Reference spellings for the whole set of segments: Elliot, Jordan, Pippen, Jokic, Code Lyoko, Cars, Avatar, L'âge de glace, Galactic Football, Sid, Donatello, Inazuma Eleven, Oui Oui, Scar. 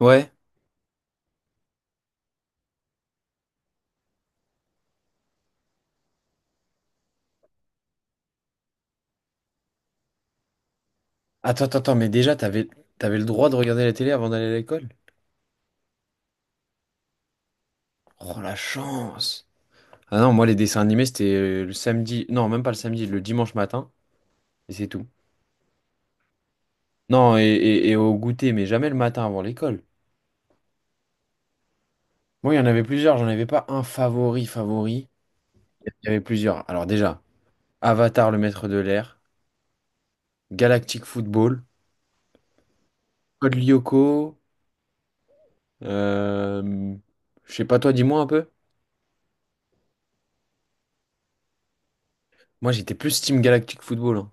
Ouais. Attends, attends, attends, mais déjà, t'avais le droit de regarder la télé avant d'aller à l'école? Oh, la chance! Ah non, moi, les dessins animés, c'était le samedi. Non, même pas le samedi, le dimanche matin, et c'est tout. Non, et au goûter, mais jamais le matin avant l'école. Moi, il y en avait plusieurs, j'en avais pas un favori, favori. Il y avait plusieurs. Alors, déjà, Avatar, le maître de l'air, Galactic Football, Code Lyoko, euh, je sais pas, toi, dis-moi un peu. Moi, j'étais plus Team Galactic Football.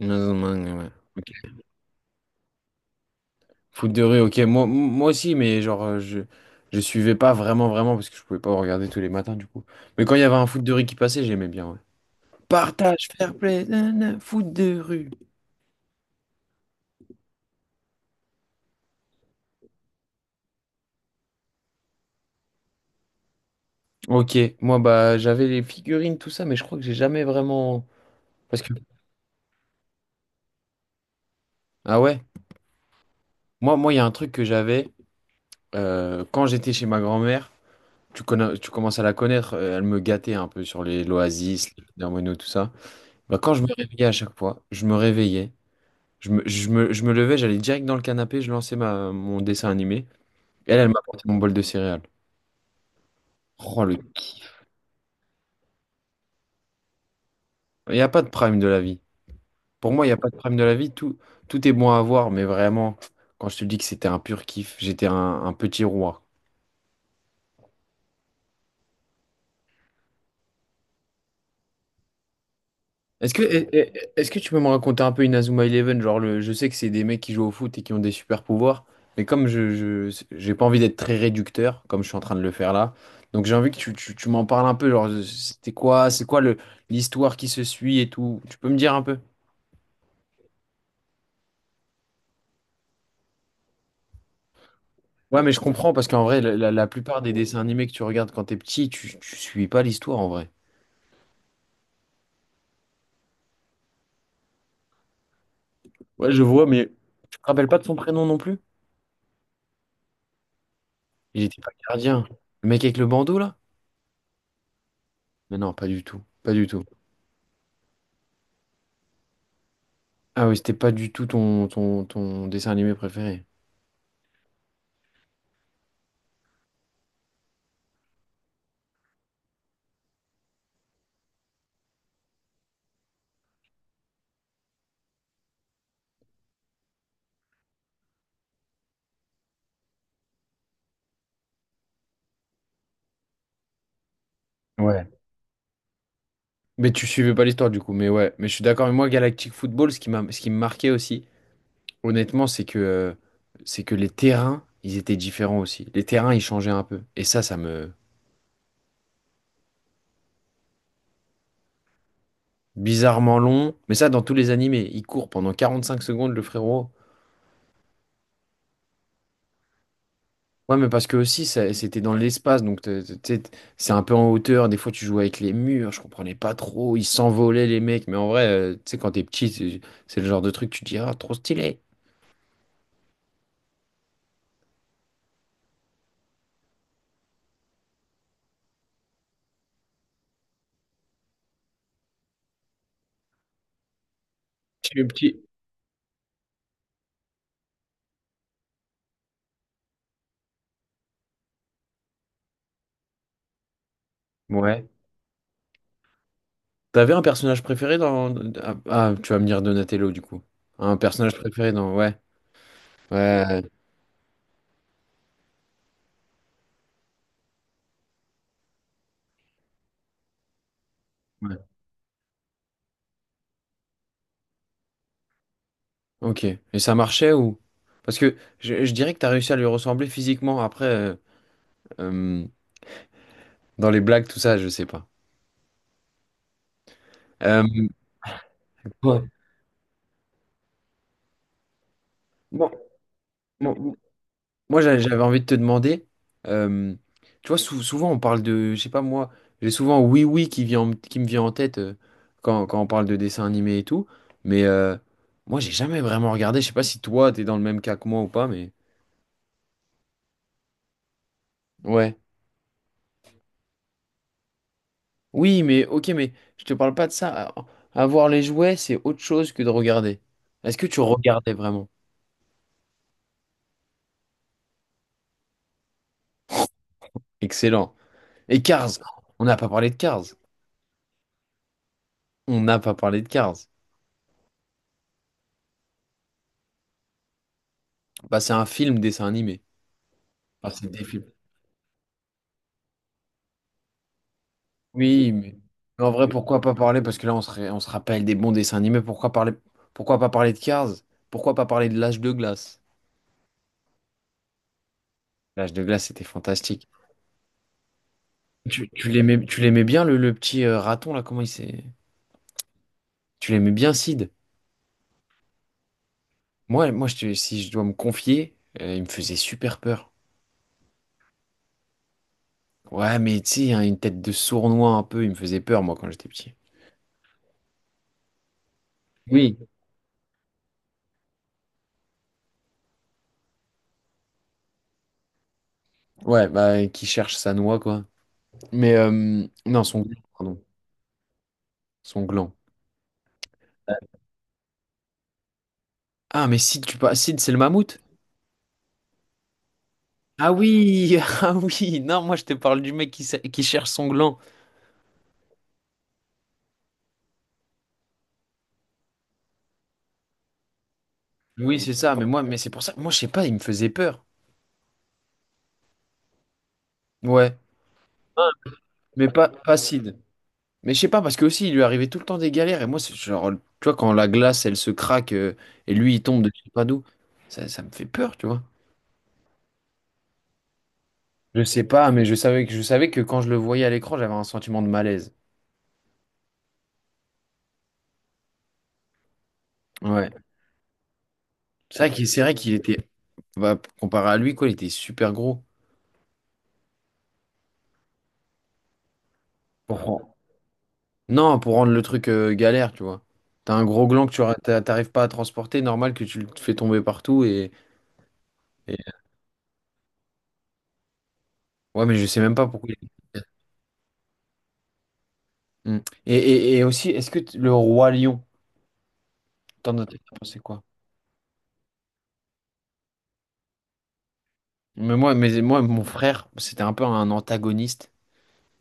Hein. Ouais. Foot de rue, ok. Moi, moi aussi, mais genre, je suivais pas vraiment, vraiment, parce que je pouvais pas regarder tous les matins, du coup. Mais quand il y avait un foot de rue qui passait, j'aimais bien, ouais. Partage, fair play, nanana, foot de rue. Ok, moi, bah, j'avais les figurines, tout ça, mais je crois que j'ai jamais vraiment. Parce que. Ah ouais? Moi, moi, il y a un truc que j'avais quand j'étais chez ma grand-mère. Tu connais, tu commences à la connaître, elle me gâtait un peu sur les l'Oasis, les Hermanos, tout ça. Bah, quand je me réveillais à chaque fois, je me réveillais. Je me levais, j'allais direct dans le canapé, je lançais mon dessin animé. Elle, elle m'apportait mon bol de céréales. Oh, le kiff. Il n'y a pas de prime de la vie. Pour moi, il n'y a pas de prime de la vie. Tout, tout est bon à avoir, mais vraiment, quand je te dis que c'était un pur kiff, j'étais un petit roi. Est-ce que, est- ce que tu peux me raconter un peu Inazuma Eleven? Genre, je sais que c'est des mecs qui jouent au foot et qui ont des super pouvoirs, mais comme j'ai pas envie d'être très réducteur, comme je suis en train de le faire là, donc j'ai envie que tu m'en parles un peu. Genre, c'était quoi, c'est quoi l'histoire qui se suit et tout? Tu peux me dire un peu? Ouais, mais je comprends parce qu'en vrai, la plupart des dessins animés que tu regardes quand t'es petit, tu suis pas l'histoire en vrai. Ouais, je vois, mais tu te rappelles pas de son prénom non plus? Il était pas gardien. Le mec avec le bandeau là? Mais non, pas du tout. Pas du tout. Ah oui, c'était pas du tout ton dessin animé préféré. Ouais. Mais tu suivais pas l'histoire du coup, mais ouais, mais je suis d'accord. Mais moi, Galactic Football, ce qui me marquait aussi, honnêtement, c'est que les terrains, ils étaient différents aussi. Les terrains, ils changeaient un peu. Et ça me. Bizarrement long, mais ça, dans tous les animés, il court pendant 45 secondes, le frérot. Ouais, mais parce que aussi, c'était dans l'espace, donc t'sais, c'est un peu en hauteur. Des fois, tu jouais avec les murs, je comprenais pas trop. Ils s'envolaient, les mecs. Mais en vrai, tu sais, quand t'es petit, c'est le genre de truc, tu te dis, ah, trop stylé. Je suis petit. Ouais. T'avais un personnage préféré dans. Ah, ah, tu vas me dire Donatello, du coup. Un personnage préféré dans. Ouais. Ouais. Ouais. Ok. Et ça marchait ou. Parce que je dirais que t'as réussi à lui ressembler physiquement. Après, euh, dans les blagues, tout ça, je sais pas. Euh, Ouais. Bon. Moi, j'avais envie de te demander, euh, tu vois, souvent on parle de, je sais pas moi, j'ai souvent Oui Oui qui vient, qui me vient en tête quand on parle de dessins animés et tout, mais moi, j'ai jamais vraiment regardé, je sais pas si toi, t'es dans le même cas que moi ou pas, mais... Ouais. Oui, mais ok, mais je te parle pas de ça. Avoir les jouets, c'est autre chose que de regarder. Est-ce que tu regardais vraiment? Excellent. Et Cars, on n'a pas parlé de Cars. On n'a pas parlé de Cars. Bah, c'est un film dessin animé. Enfin, c'est des films. Oui, mais en vrai, pourquoi pas parler? Parce que là, on se rappelle des bons dessins animés. Pourquoi parler... pourquoi pas parler de Cars? Pourquoi pas parler de l'âge de glace? L'âge de glace, c'était fantastique. Tu l'aimais, tu l'aimais bien, le petit raton, là, comment il s'est... Tu l'aimais bien, Sid? Moi, si je dois me confier, il me faisait super peur. Ouais, mais tu sais, hein, une tête de sournois un peu, il me faisait peur, moi, quand j'étais petit. Oui. Ouais, bah, qui cherche sa noix, quoi. Mais, non, son gland, pardon. Son gland. Ah, mais Sid, tu pas... Sid, c'est le mammouth? Ah oui, ah oui, non, moi je te parle du mec qui cherche son gland. Oui, c'est ça, mais moi, mais c'est pour ça, moi, je sais pas, il me faisait peur. Ouais, mais pas, pas Sid. Mais je sais pas, parce que aussi, il lui arrivait tout le temps des galères, et moi, c'est genre, tu vois, quand la glace, elle se craque, et lui, il tombe de je sais pas d'où, ça me fait peur, tu vois. Je sais pas, mais je savais que quand je le voyais à l'écran, j'avais un sentiment de malaise. Ouais. C'est vrai qu'il était, bah, comparé à lui, quoi, il était super gros. Non, pour rendre le truc galère, tu vois. T'as un gros gland que t'arrives pas à transporter, normal que tu le fais tomber partout et- Ouais, mais je sais même pas pourquoi. Est- Mm. Et aussi, est-ce que le roi lion, t'en as pensé quoi? Mais moi, mon frère, c'était un peu un antagoniste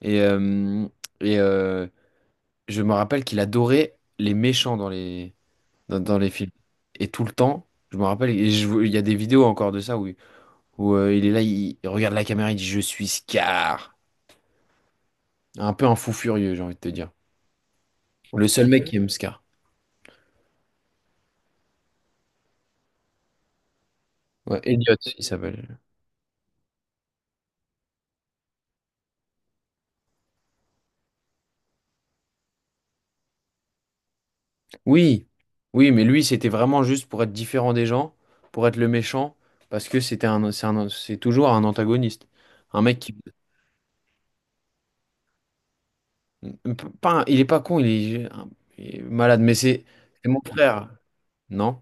et euh, et je me rappelle qu'il adorait les méchants dans dans les films et tout le temps. Je me rappelle, il y a des vidéos encore de ça où il est là, il regarde la caméra, il dit je suis Scar. Un peu un fou furieux, j'ai envie de te dire. Le seul mec Ok. qui aime Scar. Ouais, Elliot, il s'appelle. Oui, oui, mais lui, c'était vraiment juste pour être différent des gens, pour être le méchant, parce que c'était c'est toujours un antagoniste. Un mec qui. Pas un- Il est pas con, il est malade, mais c'est mon frère. Non?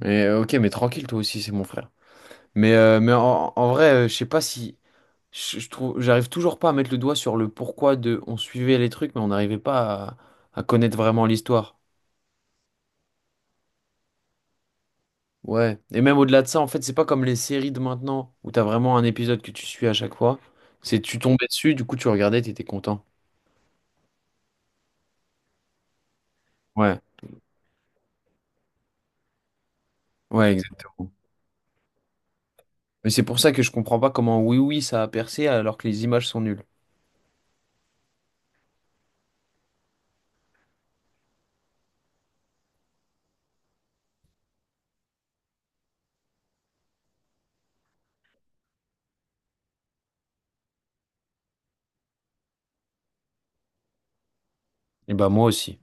Mais ok, mais tranquille, toi aussi, c'est mon frère. Mais en vrai, je sais pas si. Je trouve, j'arrive toujours pas à mettre le doigt sur le pourquoi de. On suivait les trucs, mais on n'arrivait pas à connaître vraiment l'histoire. Ouais, et même au-delà de ça, en fait, c'est pas comme les séries de maintenant où t'as vraiment un épisode que tu suis à chaque fois. C'est tu tombais dessus, du coup tu regardais, t'étais content. Ouais, ouais, exact. Mais c'est pour ça que je comprends pas comment Oui Oui ça a percé alors que les images sont nulles. Et bah moi aussi.